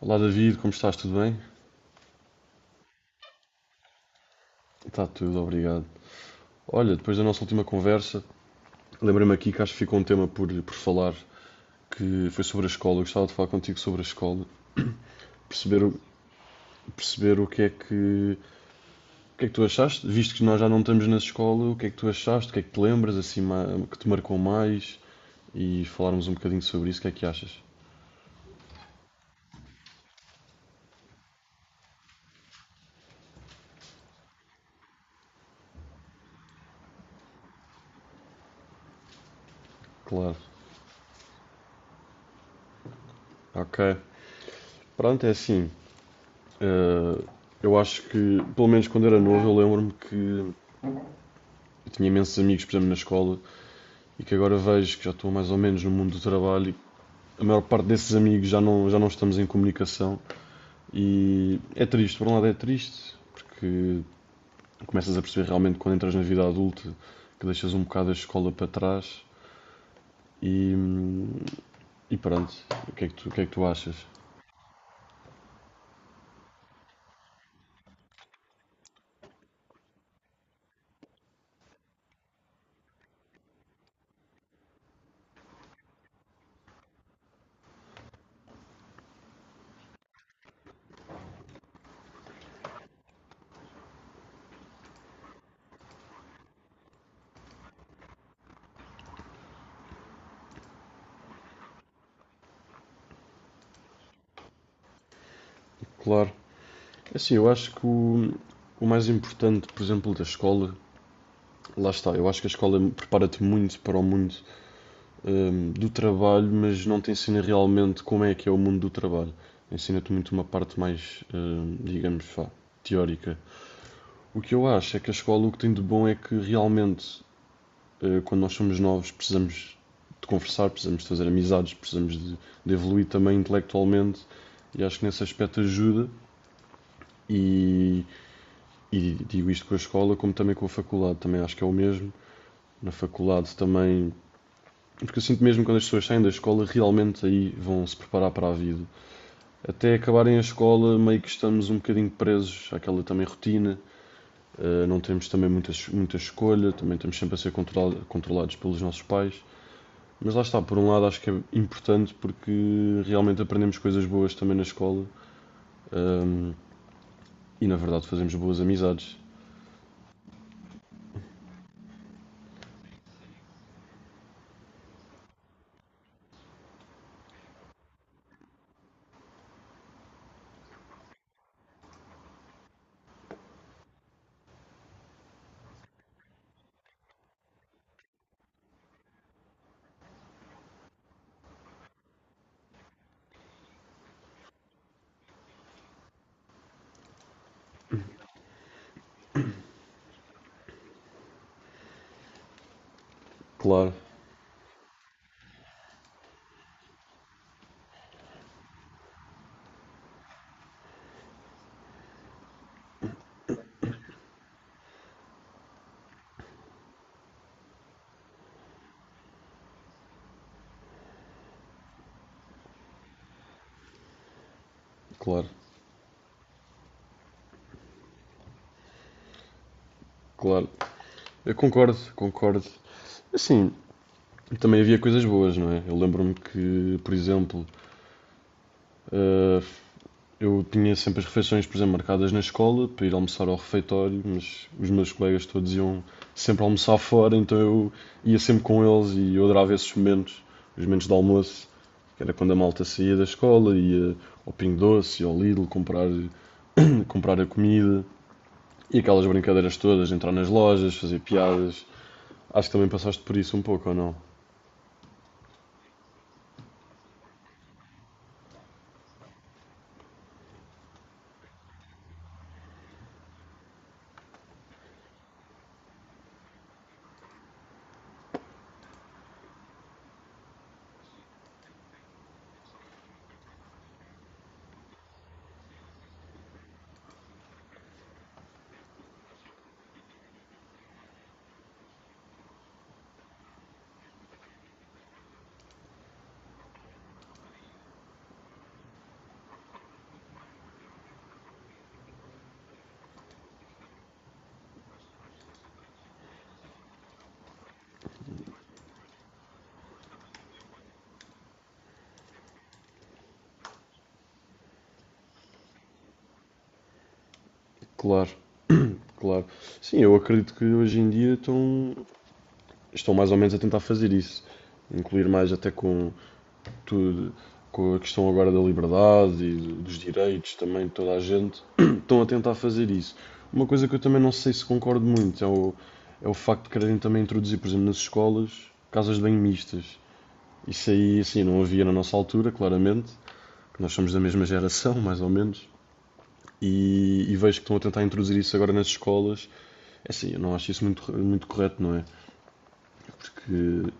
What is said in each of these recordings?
Olá David, como estás? Tudo bem? Está tudo, obrigado. Olha, depois da nossa última conversa, lembrei-me aqui que acho que ficou um tema por falar, que foi sobre a escola. Eu gostava de falar contigo sobre a escola, perceber, perceber o que é que, o que é que tu achaste, visto que nós já não estamos na escola, o que é que tu achaste, o que é que te lembras, assim, que te marcou mais, e falarmos um bocadinho sobre isso, o que é que achas? Claro, ok. Pronto, é assim, eh, eu acho que, pelo menos quando era novo, eu lembro-me que eu tinha imensos amigos, por exemplo, na escola, e que agora vejo que já estou mais ou menos no mundo do trabalho e a maior parte desses amigos já não estamos em comunicação e é triste, por um lado é triste, porque começas a perceber realmente quando entras na vida adulta que deixas um bocado a escola para trás e, e pronto, o que é que tu achas? Claro, assim, eu acho que o mais importante, por exemplo, da escola, lá está, eu acho que a escola prepara-te muito para o mundo do trabalho, mas não te ensina realmente como é que é o mundo do trabalho. Ensina-te muito uma parte mais, digamos, vá, teórica. O que eu acho é que a escola o que tem de bom é que realmente, quando nós somos novos, precisamos de conversar, precisamos de fazer amizades, de evoluir também intelectualmente e acho que nesse aspecto ajuda. E, e digo isto com a escola, como também com a faculdade, também acho que é o mesmo. Na faculdade também. Porque eu sinto mesmo que quando as pessoas saem da escola, realmente aí vão se preparar para a vida. Até acabarem a escola, meio que estamos um bocadinho presos àquela também rotina. Não temos também muita escolha, também estamos sempre a ser controlados pelos nossos pais. Mas lá está, por um lado acho que é importante porque realmente aprendemos coisas boas também na escola. ehm, e na verdade fazemos boas amizades. Claro, claro, claro. Eu concordo, concordo. Assim, também havia coisas boas, não é? Eu lembro-me que, por exemplo, eh, eu tinha sempre as refeições, por exemplo, marcadas na escola para ir almoçar ao refeitório, mas os meus colegas todos iam sempre almoçar fora, então eu ia sempre com eles e eu adorava esses momentos, os momentos de almoço, que era quando a malta saía da escola, ia ao Pingo Doce, ia ao Lidl comprar, comprar a comida e aquelas brincadeiras todas, entrar nas lojas, fazer piadas. Acho que também passaste por isso um pouco, ou não? Claro, claro. Sim, eu acredito que hoje em dia estão mais ou menos a tentar fazer isso, incluir mais até com tudo, com a questão agora da liberdade e dos direitos também, toda a gente estão a tentar fazer isso. Uma coisa que eu também não sei se concordo muito é o, é o facto de quererem também introduzir, por exemplo, nas escolas, casas de banho mistas. Isso aí, assim, não havia na nossa altura, claramente, que nós somos da mesma geração, mais ou menos, e vejo que estão a tentar introduzir isso agora nas escolas. É assim, eu não acho isso muito correto, não é? Porque,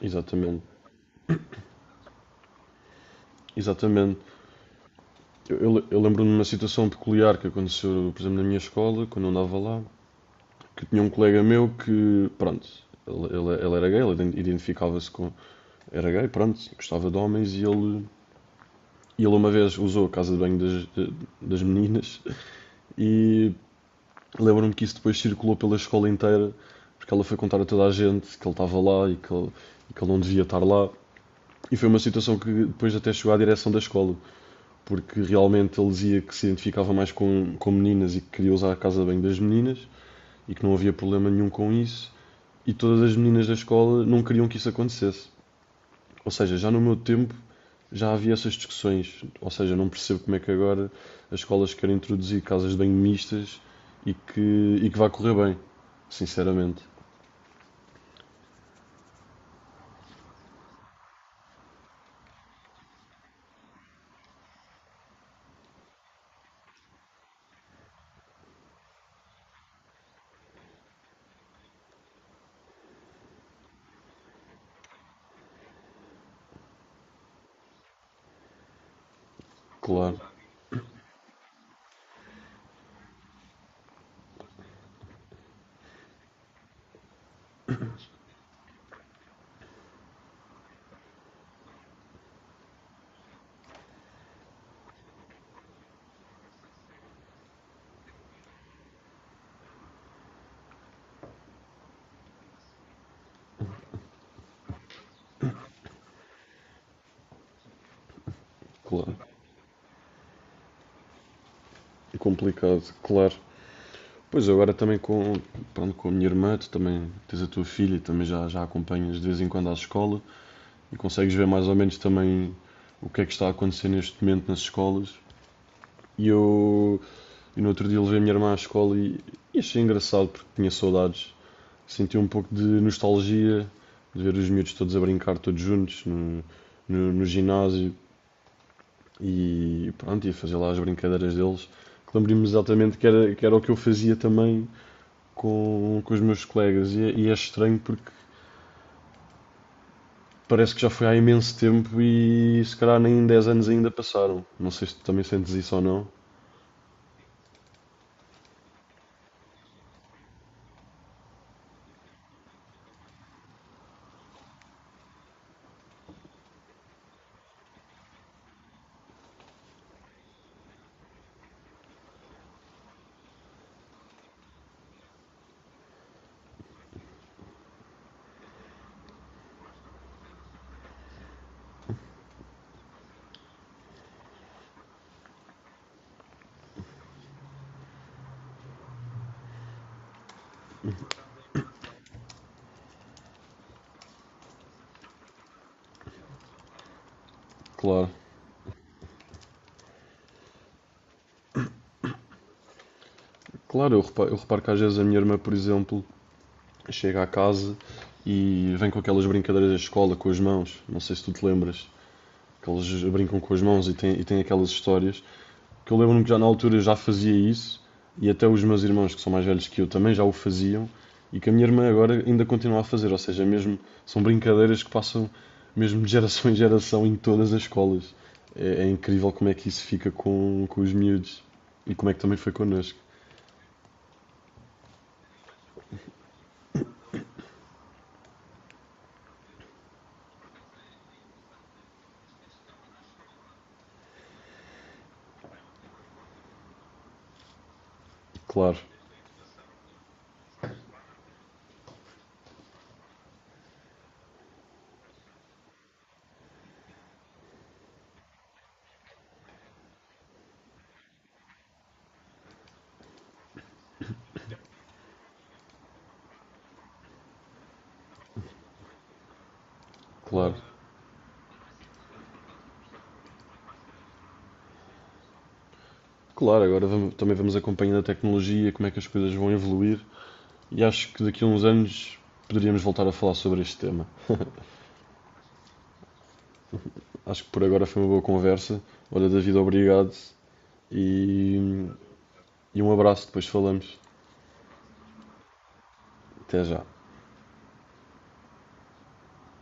exatamente, exatamente. Eu lembro-me de uma situação peculiar que aconteceu, por exemplo, na minha escola, quando eu andava lá, que tinha um colega meu que, pronto, ele era gay, ele identificava-se com. Era gay, pronto, gostava de homens e ele. Ele uma vez usou a casa de banho das meninas e lembro-me que isso depois circulou pela escola inteira, porque ela foi contar a toda a gente que ele estava lá e e que ele não devia estar lá. E foi uma situação que depois até chegou à direção da escola. Porque realmente ele dizia que se identificava mais com meninas e que queria usar a casa de banho das meninas e que não havia problema nenhum com isso. E todas as meninas da escola não queriam que isso acontecesse. Ou seja, já no meu tempo já havia essas discussões. Ou seja, não percebo como é que agora as escolas querem introduzir casas de banho mistas e e que vai correr bem. Sinceramente. Claro, claro. É complicado, claro. Pois agora também com, pronto, com a minha irmã, tu também tens a tua filha e também já a acompanhas de vez em quando às escolas, e consegues ver mais ou menos também o que é que está a acontecer neste momento nas escolas. E eu, e no outro dia, levei a minha irmã à escola e achei engraçado porque tinha saudades. Senti um pouco de nostalgia de ver os miúdos todos a brincar, todos juntos, no ginásio e pronto, ia fazer lá as brincadeiras deles. Lembro-me exatamente que era o que eu fazia também com os meus colegas e é estranho porque parece que já foi há imenso tempo e se calhar nem 10 anos ainda passaram. Não sei se tu também sentes isso ou não. Claro, claro, eu reparo que às vezes a minha irmã, por exemplo, chega à casa e vem com aquelas brincadeiras da escola com as mãos. Não sei se tu te lembras, que eles brincam com as mãos e e têm aquelas histórias. Porque eu lembro-me que já na altura já fazia isso e até os meus irmãos que são mais velhos que eu também já o faziam e que a minha irmã agora ainda continua a fazer. Ou seja, mesmo são brincadeiras que passam mesmo de geração em todas as escolas. É, é incrível como é que isso fica com os miúdos e como é que também foi connosco. Claro, claro. Claro, agora também vamos acompanhando a tecnologia, como é que as coisas vão evoluir e acho que daqui a uns anos poderíamos voltar a falar sobre este tema. Acho que por agora foi uma boa conversa. Olha, David, obrigado. E, e um abraço, depois falamos. Até já.